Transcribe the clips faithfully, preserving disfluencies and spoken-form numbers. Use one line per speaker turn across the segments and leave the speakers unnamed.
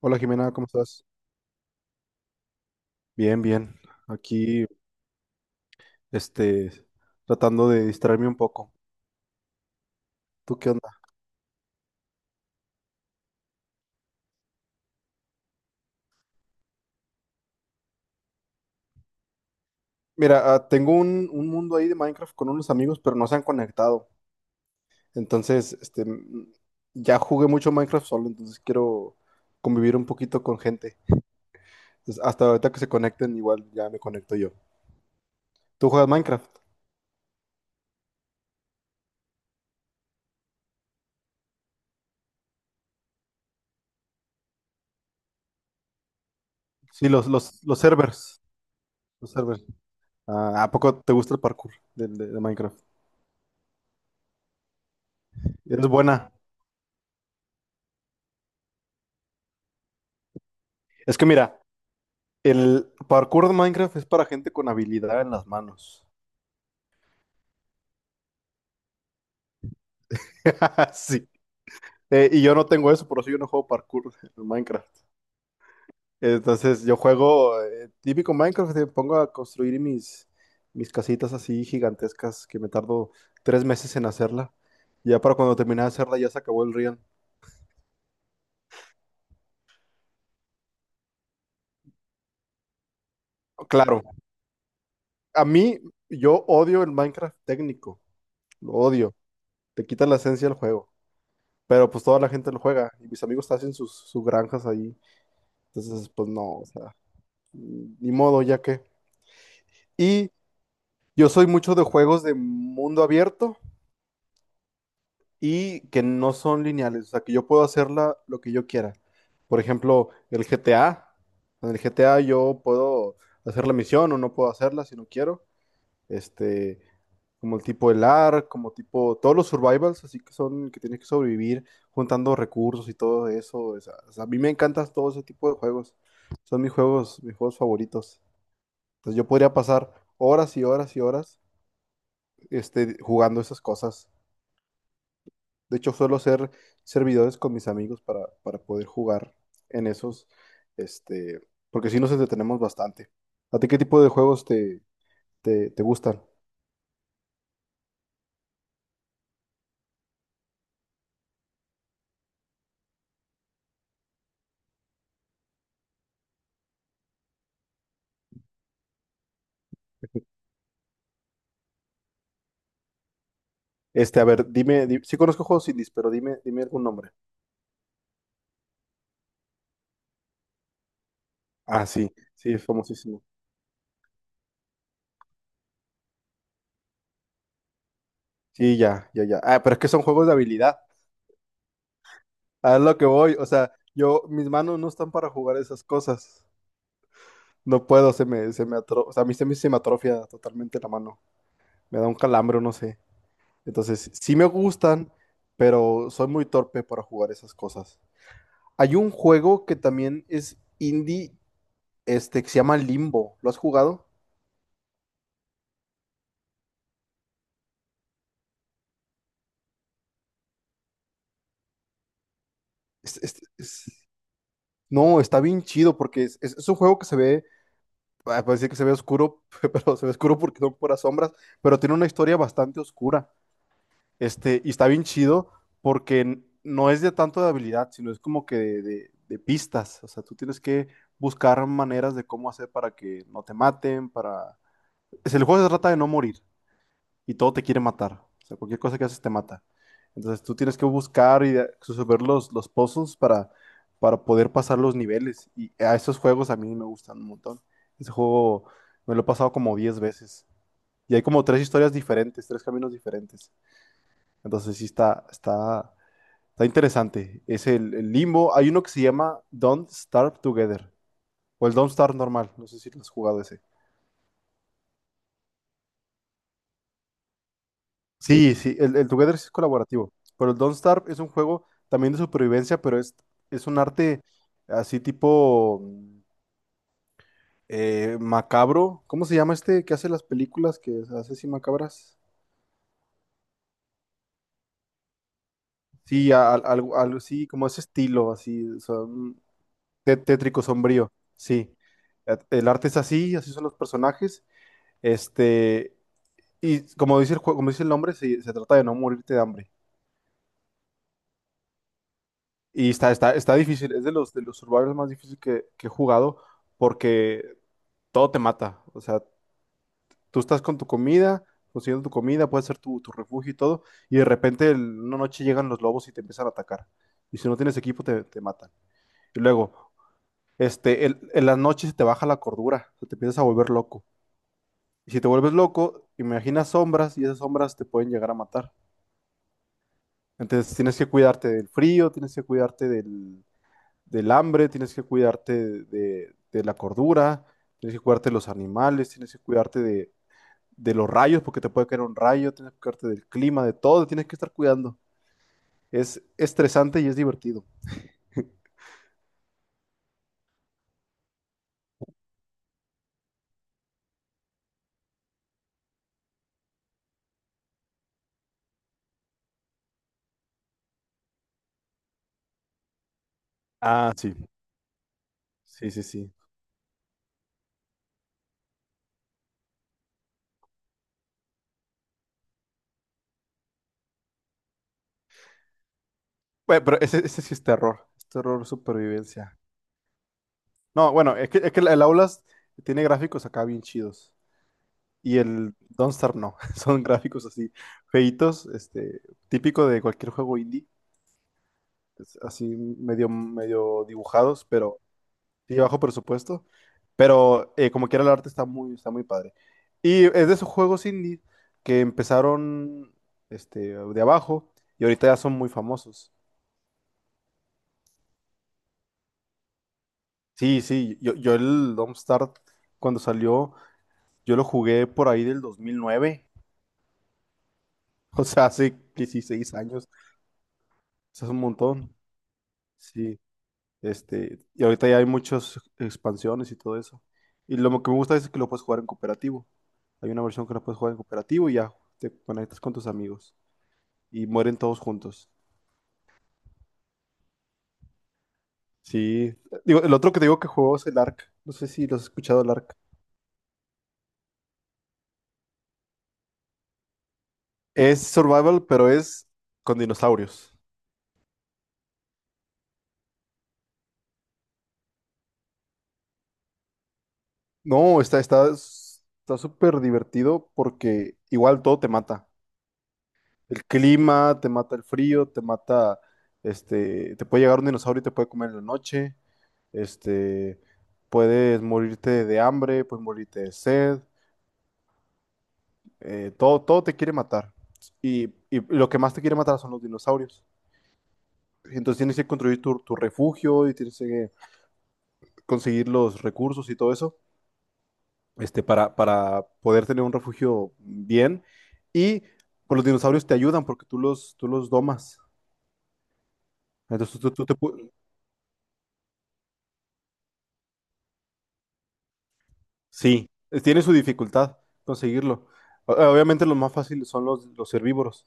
Hola Jimena, ¿cómo estás? Bien, bien. Aquí, este, tratando de distraerme un poco. ¿Tú qué onda? Mira, ah, tengo un, un mundo ahí de Minecraft con unos amigos, pero no se han conectado. Entonces, este, mm, ya jugué mucho Minecraft solo, entonces quiero convivir un poquito con gente. Entonces, hasta ahorita que se conecten, igual ya me conecto yo. ¿Tú juegas Minecraft? Sí, los, los, los servers. Los servers. Ah, ¿a poco te gusta el parkour del- de, de Minecraft? Eres buena. Es que mira, el parkour de Minecraft es para gente con habilidad en las manos. Sí. Eh, y yo no tengo eso, por eso yo no juego parkour en Minecraft. Entonces yo juego eh, típico Minecraft, me pongo a construir mis, mis casitas así gigantescas que me tardo tres meses en hacerla. Ya para cuando terminé de hacerla ya se acabó el Rian. Claro, a mí yo odio el Minecraft técnico, lo odio, te quita la esencia del juego. Pero pues toda la gente lo juega y mis amigos hacen sus, sus granjas ahí. Entonces pues no, o sea. Ni modo, ya que. Y yo soy mucho de juegos de mundo abierto y que no son lineales, o sea, que yo puedo hacerla lo que yo quiera. Por ejemplo, el G T A. En el G T A yo puedo hacer la misión o no puedo hacerla si no quiero. Este, como el tipo el ARK, como tipo todos los survivals, así que son que tienes que sobrevivir juntando recursos y todo eso. O sea, o sea, a mí me encantan todo ese tipo de juegos. Son mis juegos, mis juegos favoritos. Entonces yo podría pasar horas y horas y horas este, jugando esas cosas. De hecho, suelo ser servidores con mis amigos para, para poder jugar en esos, este, porque sí nos entretenemos bastante. ¿A ti qué tipo de juegos te, te, te gustan? Este, a ver, dime, di- sí conozco juegos indies, pero dime, dime algún nombre. Ah, sí, sí, es famosísimo. Sí, ya, ya, ya. Ah, pero es que son juegos de habilidad. A lo que voy, o sea, yo, mis manos no están para jugar esas cosas. No puedo, se me, se me atro- o sea, a mí se me, se me atrofia totalmente la mano. Me da un calambre, no sé. Entonces, sí me gustan, pero soy muy torpe para jugar esas cosas. Hay un juego que también es indie, este, que se llama Limbo. ¿Lo has jugado? Es- es- es- No, está bien chido porque es, es- es un juego que se ve, ah, puede decir que se ve oscuro, pero se ve oscuro porque son puras sombras, pero tiene una historia bastante oscura. Este, y está bien chido porque no es de tanto de habilidad, sino es como que de, de- de pistas. O sea, tú tienes que buscar maneras de cómo hacer para que no te maten, para. Es el juego se trata de no morir y todo te quiere matar. O sea, cualquier cosa que haces te mata. Entonces tú tienes que buscar y de- resolver los, los puzzles para, para poder pasar los niveles. Y a esos juegos a mí me gustan un montón. Ese juego me lo he pasado como diez veces. Y hay como tres historias diferentes, tres caminos diferentes. Entonces sí está, está, está interesante. Es el, el Limbo. Hay uno que se llama Don't Starve Together. O el Don't Starve normal. No sé si lo has jugado ese. Sí, sí, el, el Together sí es colaborativo. Pero el Don't Starve es un juego también de supervivencia, pero es, es un arte así tipo mm, eh, macabro. ¿Cómo se llama este que hace las películas que hace así macabras? Sí, a- al- algo algo así, como ese estilo, así, o sea, mm, té- tétrico, sombrío. Sí, Eh, el arte es así, así son los personajes. Este, y como dice el juego, como dice el nombre, se, se trata de no morirte de hambre. Y está, está, está difícil, es de los, de los survivors más difíciles que, que he jugado porque todo te mata. O sea, tú estás con tu comida, consiguiendo tu comida, puede ser tu, tu refugio y todo, y de repente el- una noche llegan los lobos y te empiezan a atacar. Y si no tienes equipo, te, te matan. Y luego, este, el- en las noches se te baja la cordura, o sea, te empiezas a volver loco. Y si te vuelves loco, imaginas sombras y esas sombras te pueden llegar a matar. Entonces tienes que cuidarte del frío, tienes que cuidarte del, del hambre, tienes que cuidarte de, de la cordura, tienes que cuidarte de los animales, tienes que cuidarte de, de los rayos, porque te puede caer un rayo, tienes que cuidarte del clima, de todo, tienes que estar cuidando. Es estresante y es divertido. Ah, sí, sí, sí, sí. Bueno, pero ese, ese sí es terror, es terror supervivencia. No, bueno, es que, es que el el Outlast tiene gráficos acá bien chidos. Y el Don't Starve no. Son gráficos así, feitos, este, típico de cualquier juego indie, es así medio, medio dibujados, pero sí bajo presupuesto. Pero eh, como quiera el arte está muy, está muy padre. Y es de esos juegos indie que empezaron este, de abajo y ahorita ya son muy famosos. Sí, sí, yo, yo el Don't Starve cuando salió, yo lo jugué por ahí del dos mil nueve, o sea, hace dieciséis años, o sea, es un montón. Sí. Este, y ahorita ya hay muchas expansiones y todo eso. Y lo que me gusta es que lo puedes jugar en cooperativo. Hay una versión que la puedes jugar en cooperativo y ya te conectas con tus amigos. Y mueren todos juntos. Sí. Digo, el otro que te digo que juego es el Ark. No sé si lo has escuchado el Ark. Es survival, pero es con dinosaurios. No, está, está, está súper divertido porque igual todo te mata. El clima, te mata el frío, te mata, este, te puede llegar un dinosaurio y te puede comer en la noche, este, puedes morirte de hambre, puedes morirte de sed, eh, todo, todo te quiere matar. Y, y lo que más te quiere matar son los dinosaurios. Entonces tienes que construir tu, tu refugio y tienes que conseguir los recursos y todo eso, este, para, para poder tener un refugio bien. Y pues, los dinosaurios te ayudan porque tú los, tú los domas. Entonces tú, tú- tú te, pu- sí, eh, tiene su dificultad conseguirlo. O- eh, Obviamente los más fáciles son los, los herbívoros.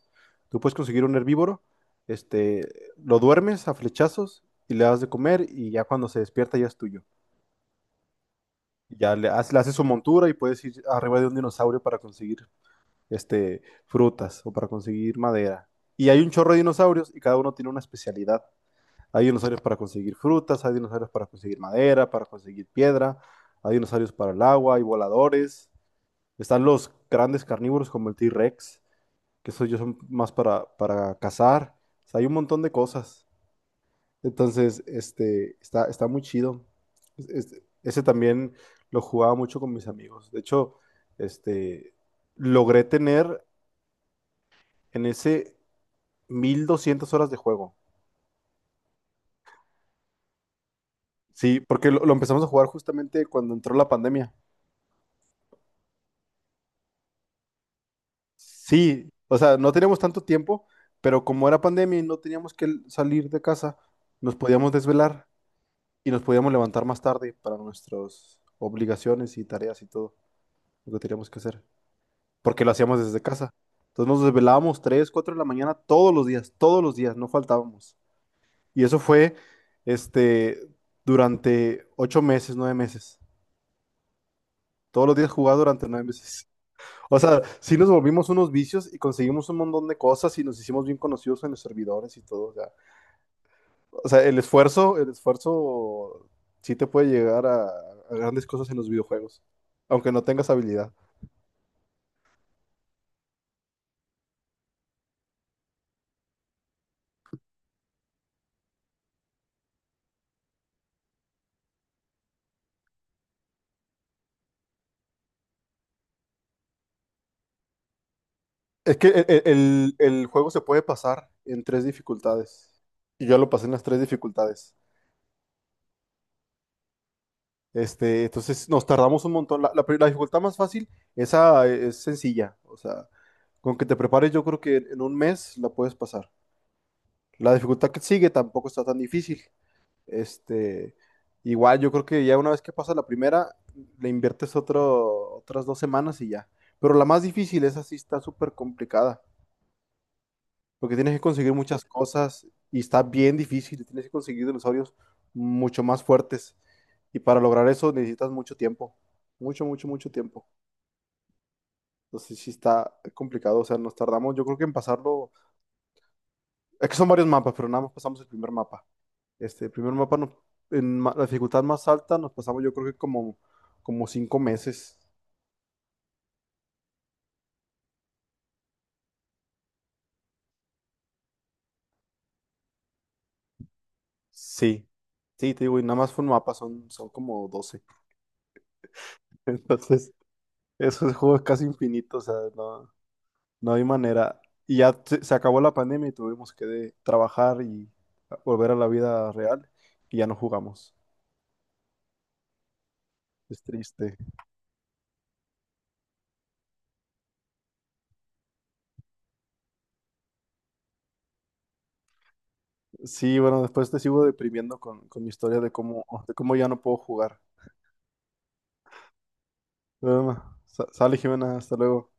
Tú puedes conseguir un herbívoro, este, lo duermes a flechazos y le das de comer y ya cuando se despierta ya es tuyo. Y ya le, haces- le haces su montura y puedes ir arriba de un dinosaurio para conseguir este, frutas o para conseguir madera. Y hay un chorro de dinosaurios y cada uno tiene una especialidad. Hay dinosaurios para conseguir frutas, hay dinosaurios para conseguir madera, para conseguir piedra, hay dinosaurios para el agua, hay voladores. Están los grandes carnívoros como el T-Rex, que esos yo son más para, para cazar. O sea, hay un montón de cosas. Entonces, este, está, está muy chido. Es- es- ese también lo jugaba mucho con mis amigos. De hecho, este, logré tener en ese mil doscientas horas de juego. Sí, porque lo, lo empezamos a jugar justamente cuando entró la pandemia. Sí, o sea, no teníamos tanto tiempo, pero como era pandemia y no teníamos que l- salir de casa, nos podíamos desvelar. Y nos podíamos levantar más tarde para nuestras obligaciones y tareas y todo lo que teníamos que hacer, porque lo hacíamos desde casa. Entonces nos desvelábamos tres cuatro de la mañana todos los días, todos los días, no faltábamos. Y eso fue este, durante ocho meses, nueve meses. Todos los días jugaba durante nueve meses. O sea, sí nos volvimos unos vicios y conseguimos un montón de cosas y nos hicimos bien conocidos en los servidores y todo. O sea, O sea, el esfuerzo, el esfuerzo sí te puede llegar a, a grandes cosas en los videojuegos, aunque no tengas habilidad. Es que el, el- el juego se puede pasar en tres dificultades. Y yo lo pasé en las tres dificultades. Este, entonces nos tardamos un montón. La, la pri- la dificultad más fácil, esa es sencilla. O sea, con que te prepares, yo creo que en un mes la puedes pasar. La dificultad que sigue tampoco está tan difícil. Este, igual yo creo que ya una vez que pasa la primera, le inviertes otro, otras dos semanas y ya. Pero la más difícil, esa sí está súper complicada, porque tienes que conseguir muchas cosas y está bien difícil, tienes que conseguir dinosaurios mucho más fuertes. Y para lograr eso necesitas mucho tiempo, mucho, mucho, mucho tiempo. Entonces sí está complicado, o sea, nos tardamos, yo creo que en pasarlo. Es que son varios mapas, pero nada más pasamos el primer mapa. Este, el primer mapa nos- en ma- la dificultad más alta nos pasamos yo creo que como, como cinco meses. Sí, sí, te digo, y nada más fue un mapa, son, son como doce. Entonces, esos juegos casi infinitos, o sea, no, no hay manera. Y ya se, se acabó la pandemia y tuvimos que de- trabajar y volver a la vida real y ya no jugamos. Es triste. Sí, bueno, después te sigo deprimiendo con, con mi historia de cómo, de cómo ya no puedo jugar. Bueno, sa- sale Jimena, hasta luego.